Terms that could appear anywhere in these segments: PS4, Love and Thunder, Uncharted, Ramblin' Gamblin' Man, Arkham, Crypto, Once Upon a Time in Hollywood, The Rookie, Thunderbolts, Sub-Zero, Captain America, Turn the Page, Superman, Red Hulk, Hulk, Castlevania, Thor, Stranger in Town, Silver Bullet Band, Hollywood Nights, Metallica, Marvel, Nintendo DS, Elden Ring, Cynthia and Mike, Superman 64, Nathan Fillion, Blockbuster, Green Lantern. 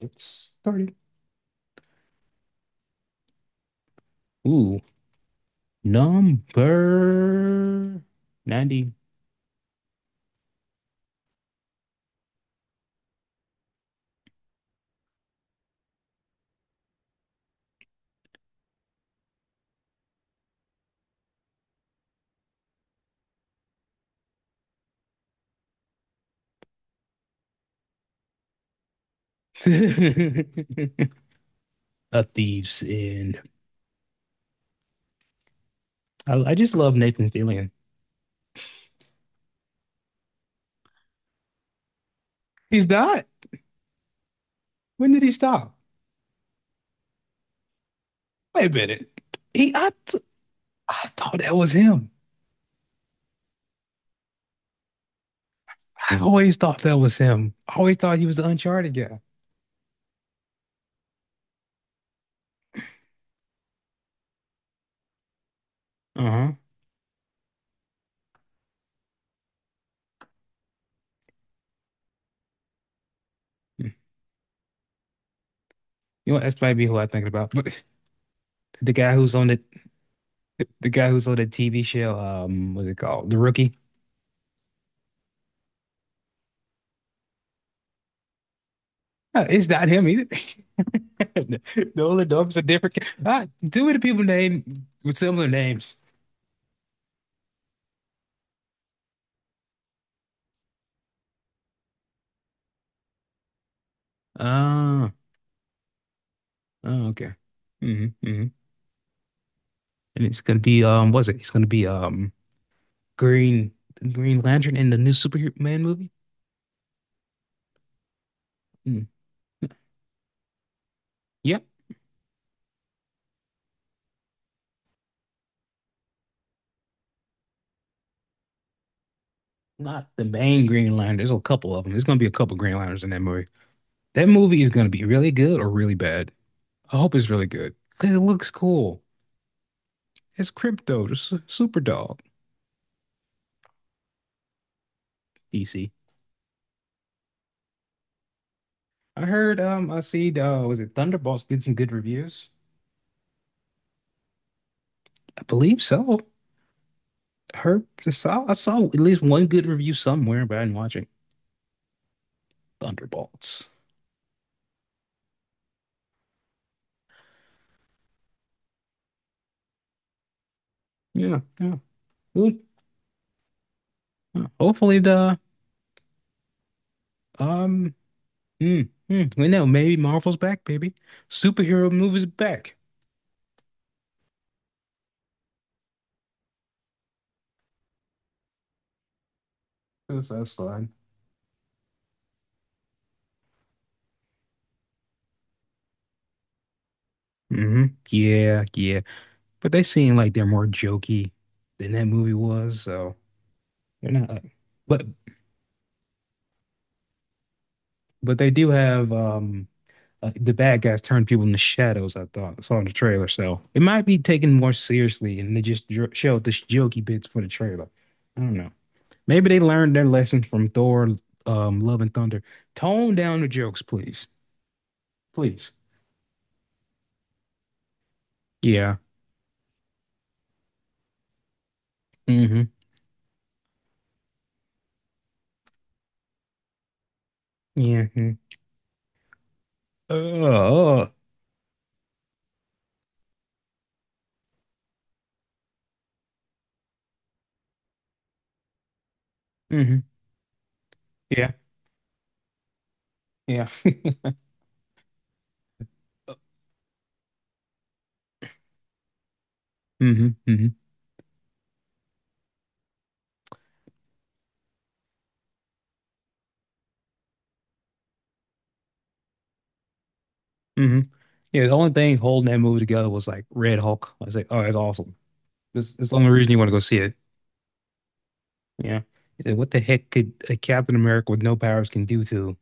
It started. Ooh, number 90. A thief's end. I just love Nathan Fillion. He's not. When did he stop? Wait a minute. He, I, th- I thought that was him. I always thought that was him. I always thought he was the Uncharted guy. Uh huh. You know what, that's might be who I'm thinking about. the guy who's on the the guy who's on the TV show. What's it called? The Rookie. It's not him either. Nolan North's a different. Ah, too many people named with similar names. Oh, oh, okay. hmm hmm And it's gonna be was it? It's gonna be Green Green Lantern in the new Superman movie. Mm. Yep, not the main Green Lantern. There's a couple of them. There's gonna be a couple Green Lanterns in that movie. That movie is gonna be really good or really bad. I hope it's really good because it looks cool. It's Crypto, the super dog. DC. I heard, I see, was it Thunderbolts did some good reviews? I believe so. I saw at least one good review somewhere, but I didn't watch it. Thunderbolts. Yeah, yeah. Good. Yeah. Hopefully the, um, we know, maybe Marvel's back, baby. Superhero movies back. So that's fine. Yeah, yeah. But they seem like they're more jokey than that movie was, so they're not like, but, but they do have, the bad guys turn people into shadows. I thought I saw in the trailer, so it might be taken more seriously, and they just showed the jokey bits for the trailer. I don't know. Maybe they learned their lesson from Thor, Love and Thunder. Tone down the jokes, please, please. Yeah. Mm-hmm. Yeah. Mhm. Uh, mm-hmm. Yeah. Yeah. Mm-hmm. Mm-hmm. Mm-hmm. Yeah. The only thing holding that movie together was like Red Hulk. I was like, oh, that's awesome. This is the only reason you want to go see it. Yeah. Yeah, what the heck could a Captain America with no powers can do to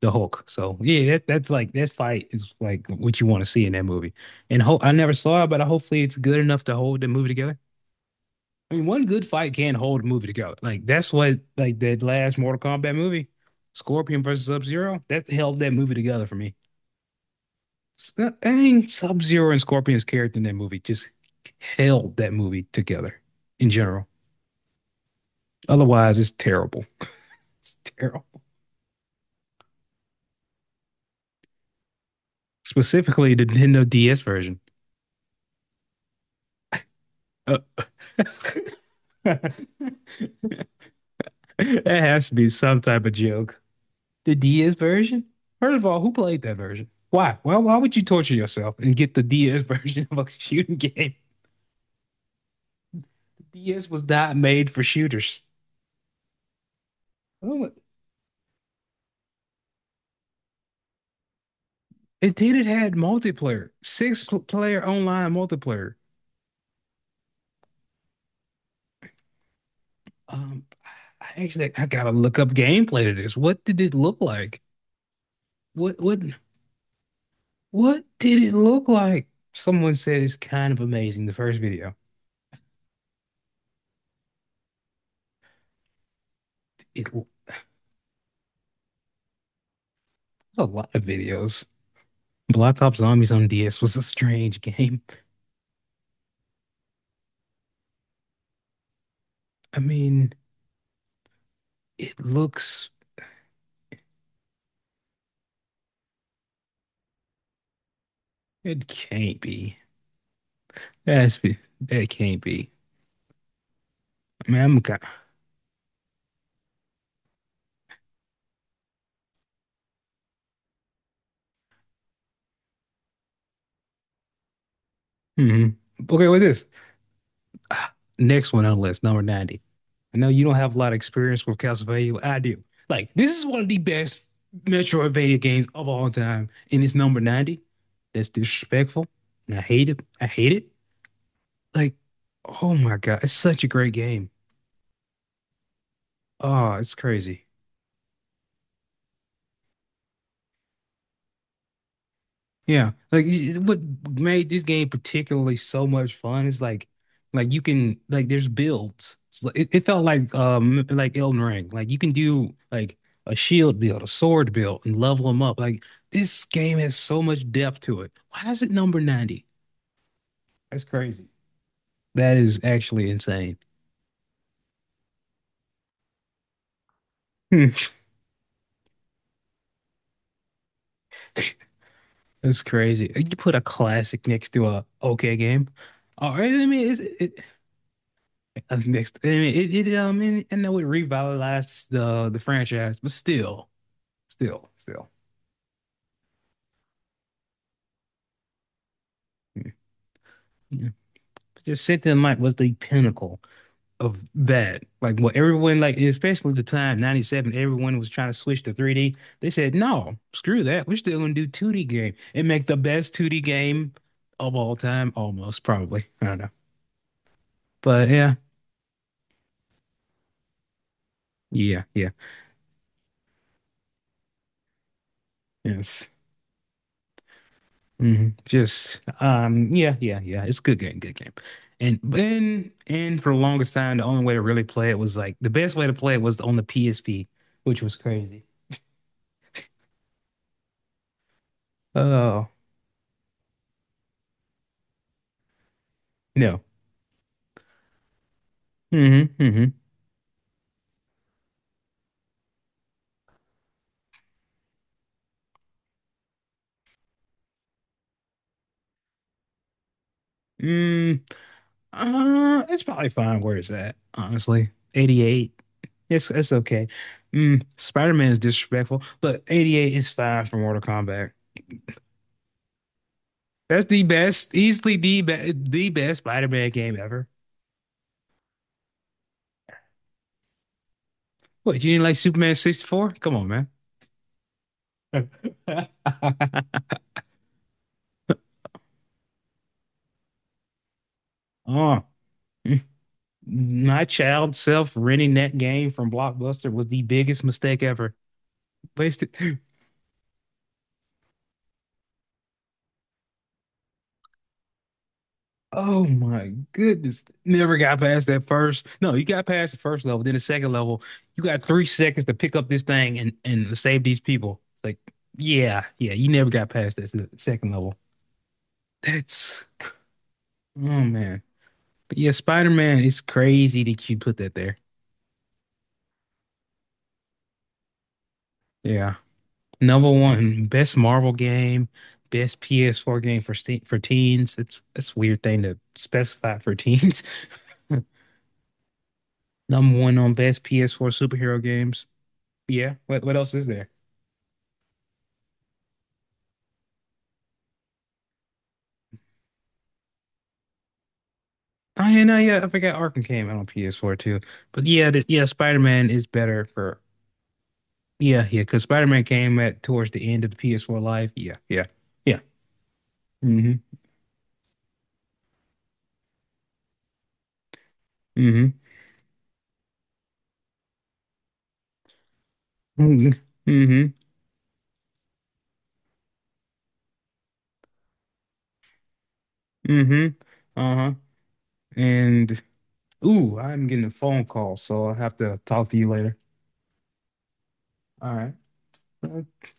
the Hulk? So yeah, that's like that fight is like what you want to see in that movie. And Hulk, I never saw it, but hopefully it's good enough to hold the movie together. I mean, one good fight can hold a movie together. Like that last Mortal Kombat movie, Scorpion versus Sub-Zero, that held that movie together for me. S- I mean, Sub-Zero and Scorpion's character in that movie just held that movie together in general. Otherwise, it's terrible. It's terrible. Specifically, the Nintendo DS version. Uh, that has to be some type of joke. The DS version? First of all, who played that version? Why? Why would you torture yourself and get the DS version of a shooting game? The DS was not made for shooters. Oh, it did. It had multiplayer, six player online multiplayer. Um, I actually I gotta look up gameplay to this. What did it look like? What what What did it look like? Someone said it's kind of amazing, the first video. It was a lot of videos. Blacktop Zombies on DS was a strange game. I mean, it looks, it can't be. That can't be. I mean, I'm kind. Hmm. Okay, with this. Ah, next one on the list, number 90. I know you don't have a lot of experience with Castlevania. I do. Like, this is one of the best Metroidvania games of all time, and it's number 90. That's disrespectful, and I hate it. I hate it. Like, oh my God, it's such a great game. Oh, it's crazy. Yeah, like y- what made this game particularly so much fun is you can there's builds. Like, it felt like Elden Ring. Like you can do like a shield build, a sword build, and level them up. Like this game has so much depth to it. Why is it number 90? That's crazy. That is actually insane. Hmm. That's crazy. You put a classic next to a okay game. All right, I mean, it's, it, I think next, I mean, I know it revitalized the franchise, but still, still, yeah. Yeah. But Just Cynthia and Mike was the pinnacle of that. Like what everyone, like especially the time '97, everyone was trying to switch to 3D. They said, "No, screw that. We're still gonna do 2D game and make the best 2D game of all time, almost probably. I don't know, but yeah, yeah, yeah, yes." hmm Just Yeah, yeah. It's a good game, good game. And for the longest time, the only way to really play it was like the best way to play it was on the PSP, which was crazy. Oh, no. hmm hmm Mm, it's probably fine where it's at, honestly. 88. It's okay. Mm, Spider-Man is disrespectful, but 88 is fine for Mortal Kombat. That's the best, easily the best Spider-Man game ever. What, you didn't like Superman 64? Come on, man. Oh, my child self renting that game from Blockbuster was the biggest mistake ever. Wasted. Oh my goodness. Never got past that first. No, you got past the first level, then the second level. You got 3 seconds to pick up this thing and, save these people. It's like, yeah, yeah, you never got past that second level. That's, oh man. But yeah, Spider-Man, it's crazy that you put that there. Yeah. Number one, best Marvel game, best PS4 game for teens. It's a weird thing to specify for teens. Number one on best PS4 superhero games. Yeah, what else is there? Oh yeah, no, yeah, I forgot Arkham came out on PS4 too. But yeah, yeah, Spider-Man is better for yeah, yeah, because Spider-Man came at towards the end of the PS4 life. Yeah, yeah. Mm-hmm. Mm-hmm. Mm-hmm. Mm-hmm. Mm-hmm. Uh-huh. And ooh, I'm getting a phone call, so I'll have to talk to you later. All right.